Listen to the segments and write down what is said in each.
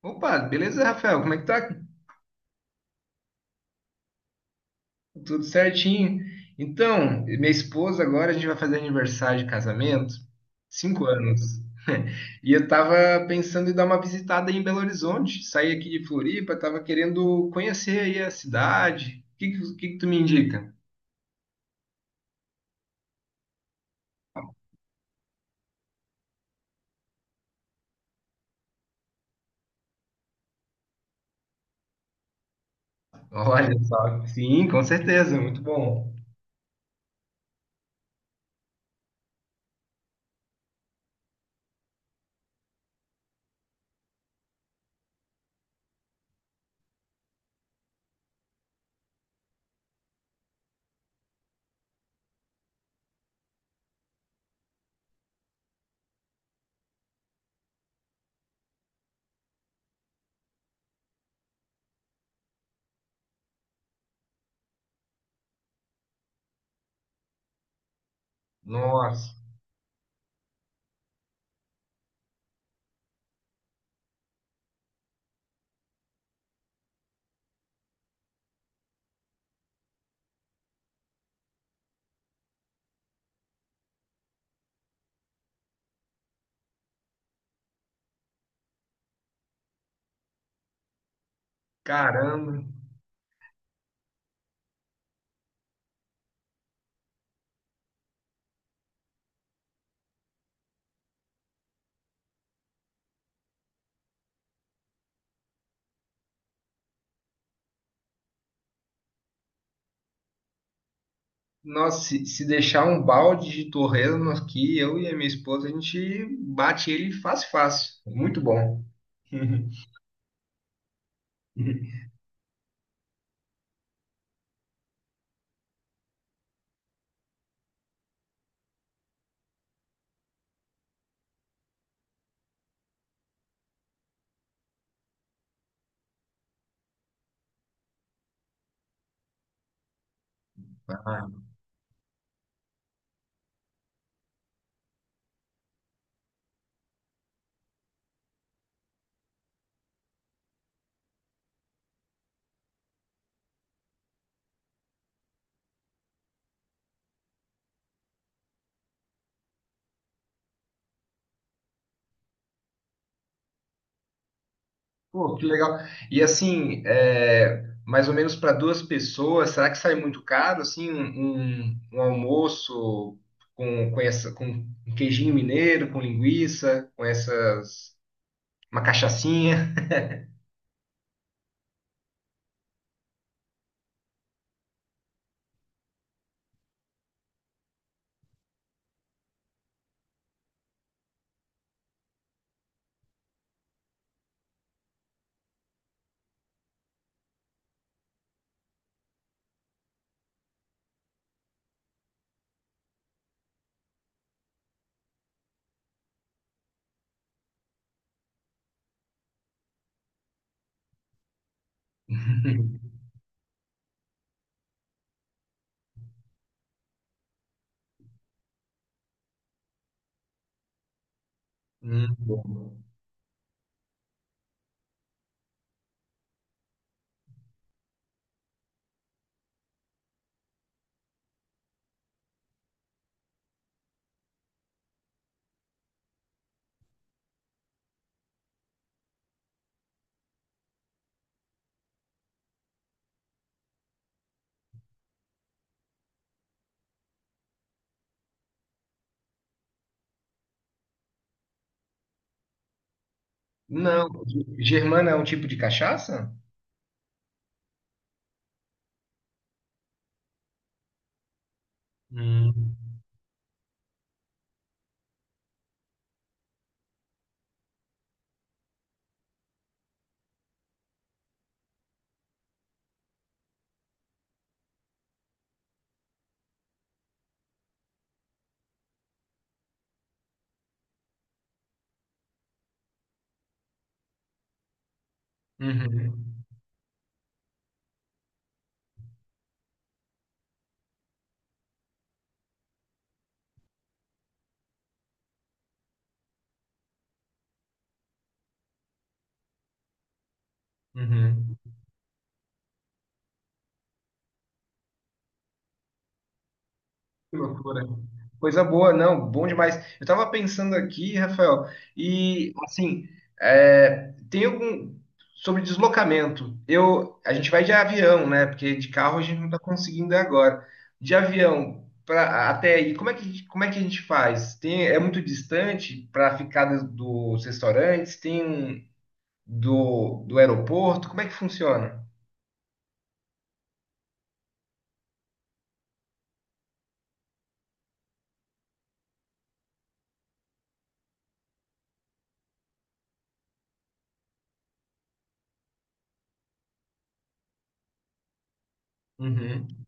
Opa, beleza, Rafael? Como é que tá? Tudo certinho. Então, minha esposa agora a gente vai fazer aniversário de casamento, 5 anos. E eu tava pensando em dar uma visitada aí em Belo Horizonte, sair aqui de Floripa, tava querendo conhecer aí a cidade. O que que tu me indica? Olha só, sim, com certeza, muito bom. Nossa, caramba. Nossa, se deixar um balde de torresmo aqui, eu e a minha esposa, a gente bate ele fácil, fácil. Muito bom. Ah, pô, que legal. E assim, é, mais ou menos para duas pessoas, será que sai muito caro, assim, um almoço com um queijinho mineiro, com linguiça, com essas, uma cachaçinha? Bom. Não, germana é um tipo de cachaça? Hum. Uhum. Uhum. Que loucura. Coisa boa, não, bom demais. Eu tava pensando aqui, Rafael, e assim, é, tem algum sobre deslocamento. Eu, a gente vai de avião, né? Porque de carro a gente não tá conseguindo agora. De avião para até aí, como é que a gente faz? Tem, é muito distante para ficar dos restaurantes? Tem do aeroporto? Como é que funciona? Uhum.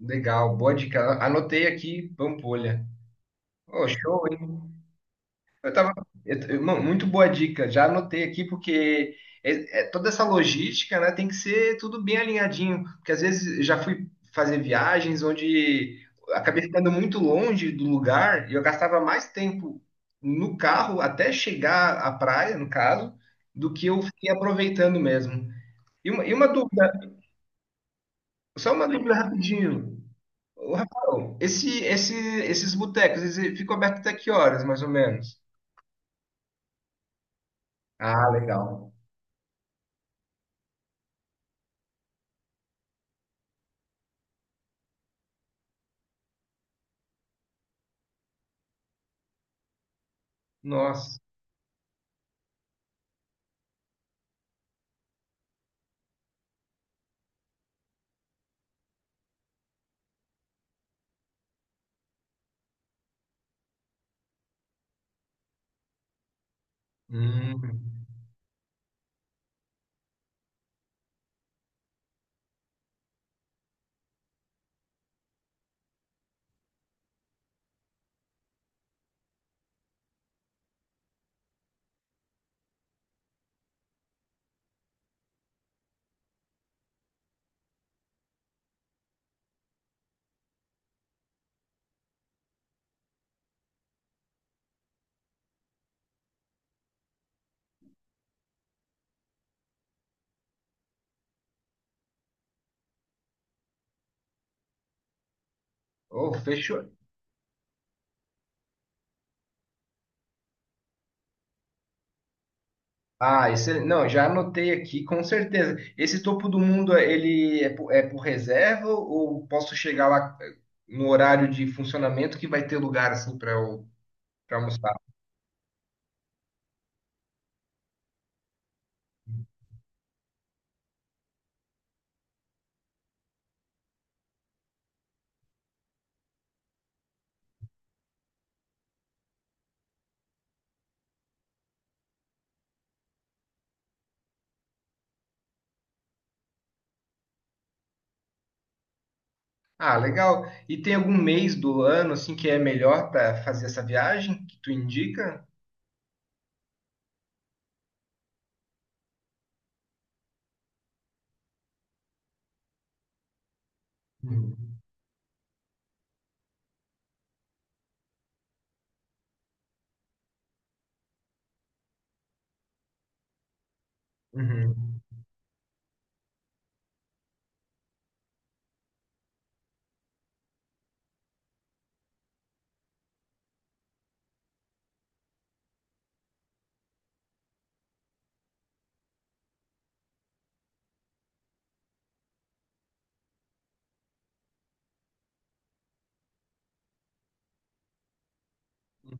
Legal, boa dica. Anotei aqui, Pampolha. Oh, show, hein? Eu tava. Mano, muito boa dica. Já anotei aqui, porque é toda essa logística, né, tem que ser tudo bem alinhadinho. Porque às vezes eu já fui fazer viagens onde acabei ficando muito longe do lugar e eu gastava mais tempo no carro até chegar à praia, no caso, do que eu fiquei aproveitando mesmo. E uma dúvida, só uma dúvida rapidinho. Ô, Rafael, esses botecos, eles ficam abertos até que horas, mais ou menos? Ah, legal. Nossa. Hum. Oh, fechou. Ah, esse, não, já anotei aqui, com certeza. Esse topo do mundo, ele é por, é por reserva ou posso chegar lá no horário de funcionamento que vai ter lugar assim para eu para almoçar? Ah, legal. E tem algum mês do ano assim que é melhor para fazer essa viagem que tu indica? Uhum. Uhum.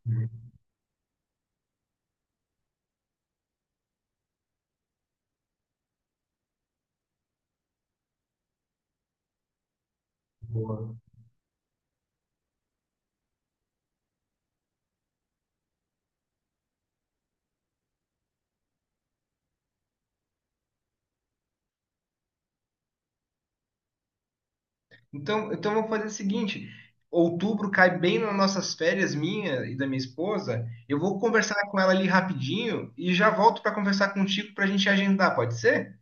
Uhum. Boa. Então, então vamos fazer o seguinte: outubro cai bem nas nossas férias, minha e da minha esposa. Eu vou conversar com ela ali rapidinho e já volto para conversar contigo para a gente agendar, pode ser?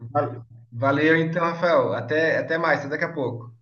Valeu, Valeu, então, Rafael. Até mais, até daqui a pouco.